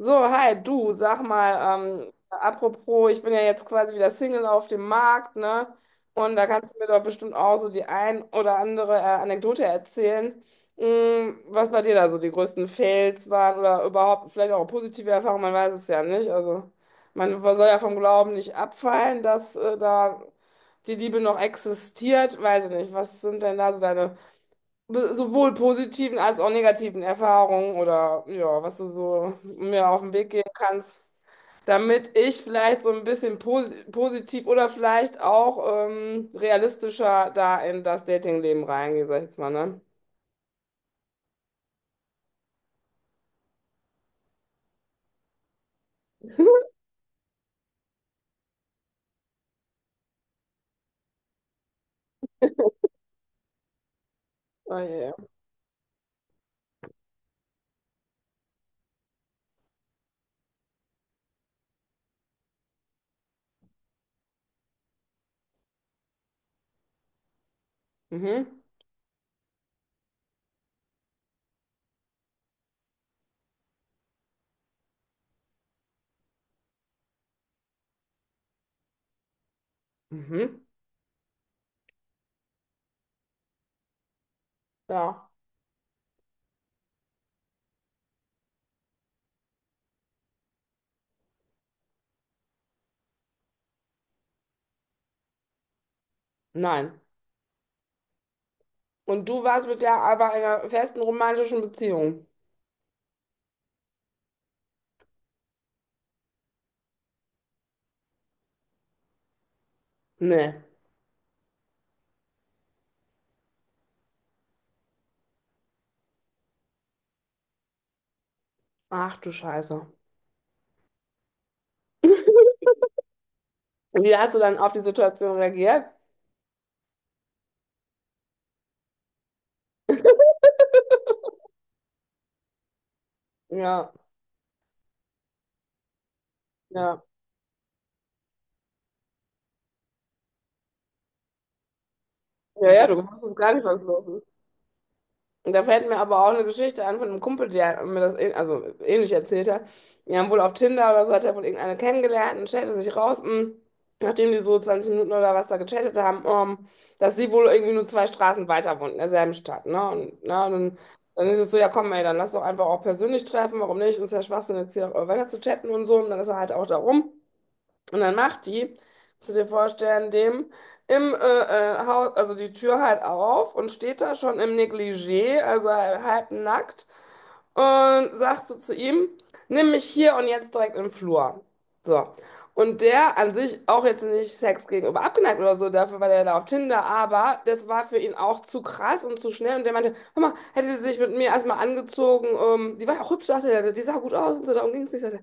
So, hi, du, sag mal, apropos, ich bin ja jetzt quasi wieder Single auf dem Markt, ne? Und da kannst du mir doch bestimmt auch so die ein oder andere Anekdote erzählen, was bei dir da so die größten Fails waren oder überhaupt vielleicht auch positive Erfahrungen, man weiß es ja nicht. Also, man soll ja vom Glauben nicht abfallen, dass da die Liebe noch existiert, weiß ich nicht. Was sind denn da so deine sowohl positiven als auch negativen Erfahrungen oder ja, was du so mir auf den Weg geben kannst, damit ich vielleicht so ein bisschen positiv oder vielleicht auch realistischer da in das Datingleben reingehe, sag ich jetzt mal, ne? Oh je. Mhm. Mhm. Ja. Nein. Und du warst mit der aber in einer festen romantischen Beziehung? Nee. Ach du Scheiße. Wie hast du dann auf die Situation reagiert? Ja, ja. Ja, ja, du wusstest gar nicht, was los ist. Und da fällt mir aber auch eine Geschichte an von einem Kumpel, der mir das also ähnlich erzählt hat. Die haben wohl auf Tinder oder so, hat er wohl irgendeine kennengelernt und stellte sich raus, nachdem die so 20 Minuten oder was da gechattet haben, dass sie wohl irgendwie nur zwei Straßen weiter wohnt, in derselben Stadt. Ne? Und, na, und dann, dann ist es so, ja komm ey, dann lass doch einfach auch persönlich treffen, warum nicht? Uns ist ja Schwachsinn jetzt hier weiter zu chatten und so. Und dann ist er halt auch da rum. Und dann macht die, musst du dir vorstellen, dem im Haus, also die Tür halt auf und steht da schon im Negligé, also halb nackt, und sagt so zu ihm, nimm mich hier und jetzt direkt im Flur. So. Und der an sich auch jetzt nicht Sex gegenüber abgeneigt oder so, dafür war der da auf Tinder, aber das war für ihn auch zu krass und zu schnell. Und der meinte, hör mal, hätte sie sich mit mir erstmal angezogen, die war ja auch hübsch, dachte er, die sah gut aus und so, darum ging es nicht. Sagt er,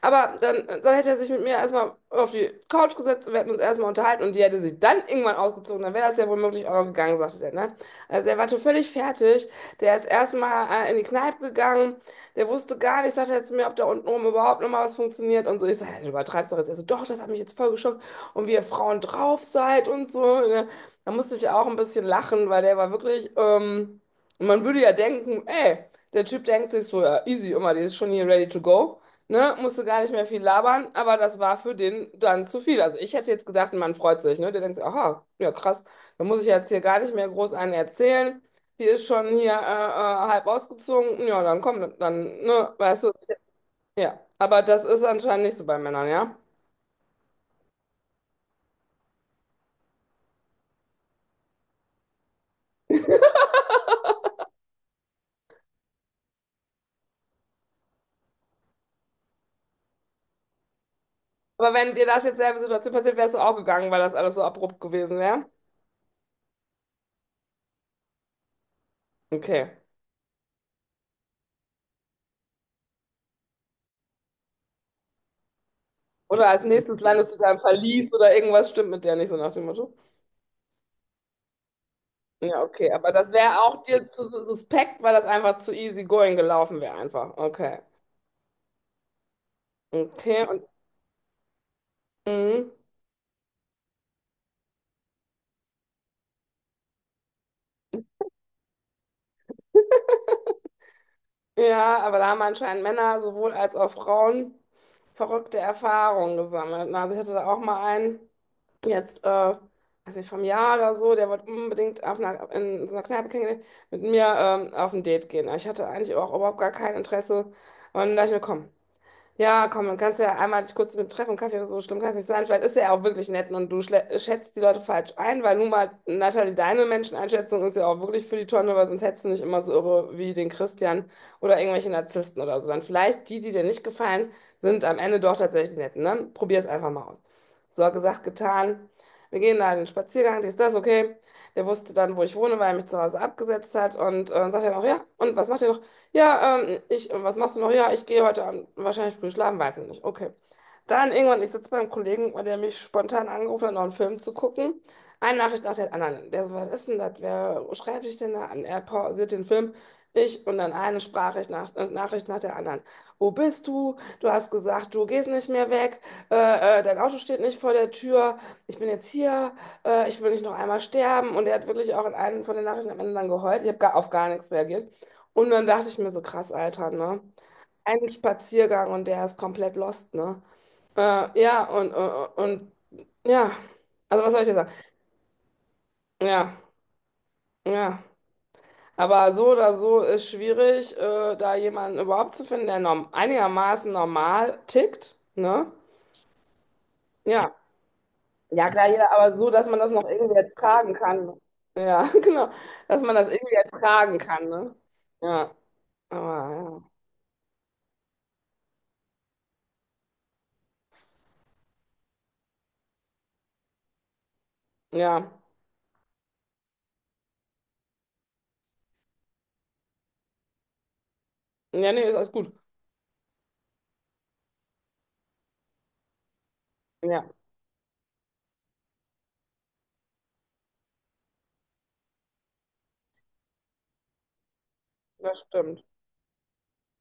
aber dann hätte er sich mit mir erstmal auf die Couch gesetzt und wir hätten uns erstmal unterhalten und die hätte sich dann irgendwann ausgezogen. Dann wäre das ja womöglich auch noch gegangen, sagte der, ne? Also er war schon völlig fertig. Der ist erstmal in die Kneipe gegangen. Der wusste gar nicht, sagte er zu mir, ob da unten oben überhaupt noch mal was funktioniert und so. Ich sage, du übertreibst doch jetzt. Also doch, das hat mich jetzt voll geschockt. Und wie ihr Frauen drauf seid und so. Ne? Da musste ich auch ein bisschen lachen, weil der war wirklich, man würde ja denken, ey, der Typ denkt sich so, ja, easy immer, die ist schon hier ready to go. Ne, musste gar nicht mehr viel labern, aber das war für den dann zu viel. Also ich hätte jetzt gedacht, man freut sich, ne? Der denkt sich, aha, ja krass, da muss ich jetzt hier gar nicht mehr groß einen erzählen. Die ist schon hier halb ausgezogen. Ja, dann komm, ne, weißt du, ja. Aber das ist anscheinend nicht so bei Männern, ja. Aber wenn dir das jetzt selbe Situation passiert, wärst du auch gegangen, weil das alles so abrupt gewesen wäre. Okay. Oder als nächstes landest du da im Verlies oder irgendwas stimmt mit der nicht, so nach dem Motto. Ja, okay, aber das wäre auch dir zu suspekt, weil das einfach zu easy going gelaufen wäre einfach. Okay. Okay, und mhm. Ja, aber da haben anscheinend Männer sowohl als auch Frauen verrückte Erfahrungen gesammelt. Na, also ich hatte da auch mal einen, jetzt, weiß nicht, vom Jahr oder so, der wollte unbedingt auf einer, in so einer Kneipe kennengelernt, mit mir auf ein Date gehen. Aber ich hatte eigentlich auch überhaupt gar kein Interesse. Und da dachte ich mir, komm, ja, komm, dann kannst du ja einmal dich kurz mit dem Treffen, Kaffee oder so, schlimm kann es nicht sein. Vielleicht ist er ja auch wirklich nett und du schätzt die Leute falsch ein, weil nun mal, Natalie, deine Menscheneinschätzung ist ja auch wirklich für die Tonne, weil sonst hättest du nicht immer so irre wie den Christian oder irgendwelche Narzissten oder so. Dann vielleicht die, die dir nicht gefallen, sind am Ende doch tatsächlich die Netten, ne? Probier es einfach mal aus. So, gesagt, getan. Wir gehen da in den Spaziergang, dies, das, okay. Der wusste dann, wo ich wohne, weil er mich zu Hause abgesetzt hat und sagt dann auch, ja, und was macht ihr noch? Ja, was machst du noch? Ja, ich gehe heute Abend wahrscheinlich früh schlafen, weiß ich nicht. Okay. Dann irgendwann, ich sitze beim Kollegen, weil der mich spontan angerufen hat, noch einen Film zu gucken. Eine Nachricht nach der anderen. Der so, was ist denn das? Wer schreibt dich denn da an? Er pausiert den Film. Ich und dann eine Sprachnachricht Nachricht nach der anderen. Wo bist du? Du hast gesagt, du gehst nicht mehr weg. Dein Auto steht nicht vor der Tür. Ich bin jetzt hier. Ich will nicht noch einmal sterben. Und er hat wirklich auch in einem von den Nachrichten am Ende dann geheult. Ich habe gar, auf gar nichts reagiert. Und dann dachte ich mir so, krass, Alter, ne? Ein Spaziergang und der ist komplett lost, ne? Ja, und ja, also was soll ich dir sagen? Ja, ja. Aber so oder so ist schwierig, da jemanden überhaupt zu finden, der norm einigermaßen normal tickt, ne? Ja. Ja, klar, jeder, aber so, dass man das noch irgendwie ertragen kann. Ja, genau. Dass man das irgendwie ertragen kann, ne? Ja, aber ja. Ja, ja nee, ist alles gut. Ja, das stimmt.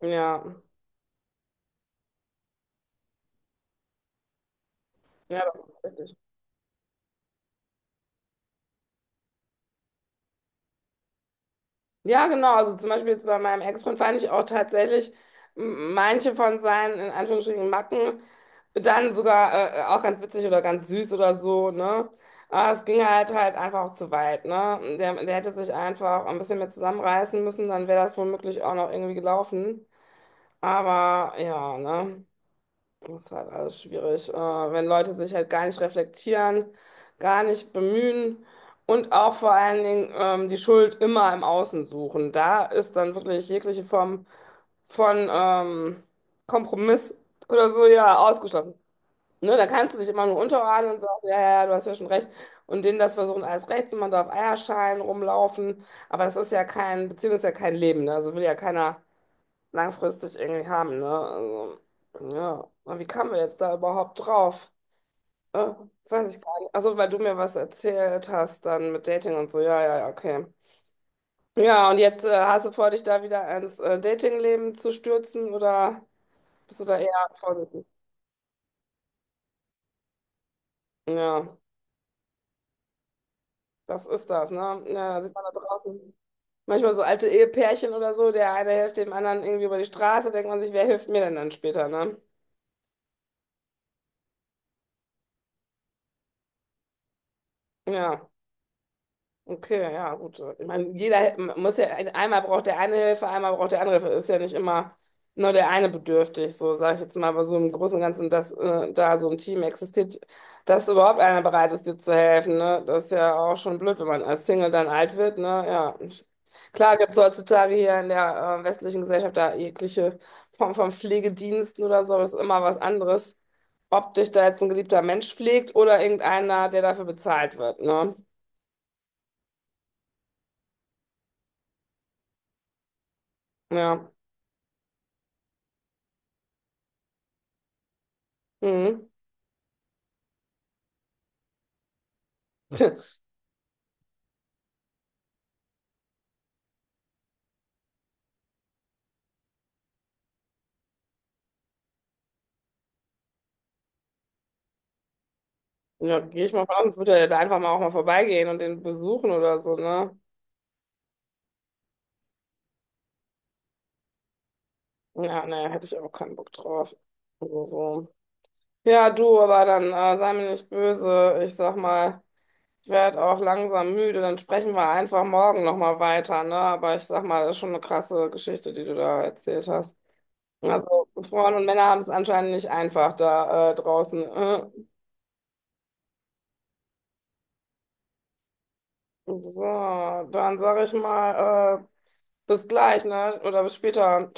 Ja. Ja, das ist richtig. Ja, genau. Also zum Beispiel jetzt bei meinem Ex-Freund fand ich auch tatsächlich manche von seinen, in Anführungsstrichen, Macken dann sogar auch ganz witzig oder ganz süß oder so, ne? Aber es ging halt einfach auch zu weit, ne? Der, der hätte sich einfach ein bisschen mehr zusammenreißen müssen, dann wäre das womöglich auch noch irgendwie gelaufen. Aber ja, ne? Das ist halt alles schwierig, wenn Leute sich halt gar nicht reflektieren, gar nicht bemühen und auch vor allen Dingen die Schuld immer im Außen suchen. Da ist dann wirklich jegliche Form von Kompromiss oder so ja ausgeschlossen. Ne, da kannst du dich immer nur unterordnen und sagen, ja, ja, ja, du hast ja schon recht. Und denen das versuchen, alles recht zu machen, da auf Eierschalen rumlaufen. Aber das ist ja kein, Beziehung ist ja kein Leben. Ne? Also will ja keiner langfristig irgendwie haben, ne? Also, ja. Und wie kamen wir jetzt da überhaupt drauf? Äh, weiß ich gar nicht. Also, weil du mir was erzählt hast, dann mit Dating und so. Ja, ja, ja, okay. Ja, und jetzt hast du vor, dich da wieder ins Datingleben zu stürzen oder bist du da eher vorsichtig? Ja, das ist das, ne? Ja, da sieht man da draußen manchmal so alte Ehepärchen oder so, der eine hilft dem anderen irgendwie über die Straße, denkt man sich, wer hilft mir denn dann später, ne? Ja. Okay, ja, gut. Ich meine, jeder man muss ja, einmal braucht der eine Hilfe, einmal braucht der andere Hilfe. Ist ja nicht immer nur der eine bedürftig, so sage ich jetzt mal, aber so im Großen und Ganzen, dass da so ein Team existiert, dass überhaupt einer bereit ist, dir zu helfen, ne? Das ist ja auch schon blöd, wenn man als Single dann alt wird, ne? Ja. Klar gibt es heutzutage hier in der westlichen Gesellschaft da jegliche Form von Pflegediensten oder so, aber das ist immer was anderes, ob dich da jetzt ein geliebter Mensch pflegt oder irgendeiner, der dafür bezahlt wird, ne? Ja. Mhm. Ja, gehe ich mal von aus, sonst würde er ja da einfach mal auch mal vorbeigehen und den besuchen oder so, ne? Ja, ne, hätte ich auch keinen Bock drauf. Also, so. Ja, du, aber dann sei mir nicht böse. Ich sag mal, ich werde auch langsam müde. Dann sprechen wir einfach morgen nochmal weiter, ne? Aber ich sag mal, das ist schon eine krasse Geschichte, die du da erzählt hast. Also, Frauen und Männer haben es anscheinend nicht einfach da draußen. So, dann sage ich mal, bis gleich, ne? Oder bis später.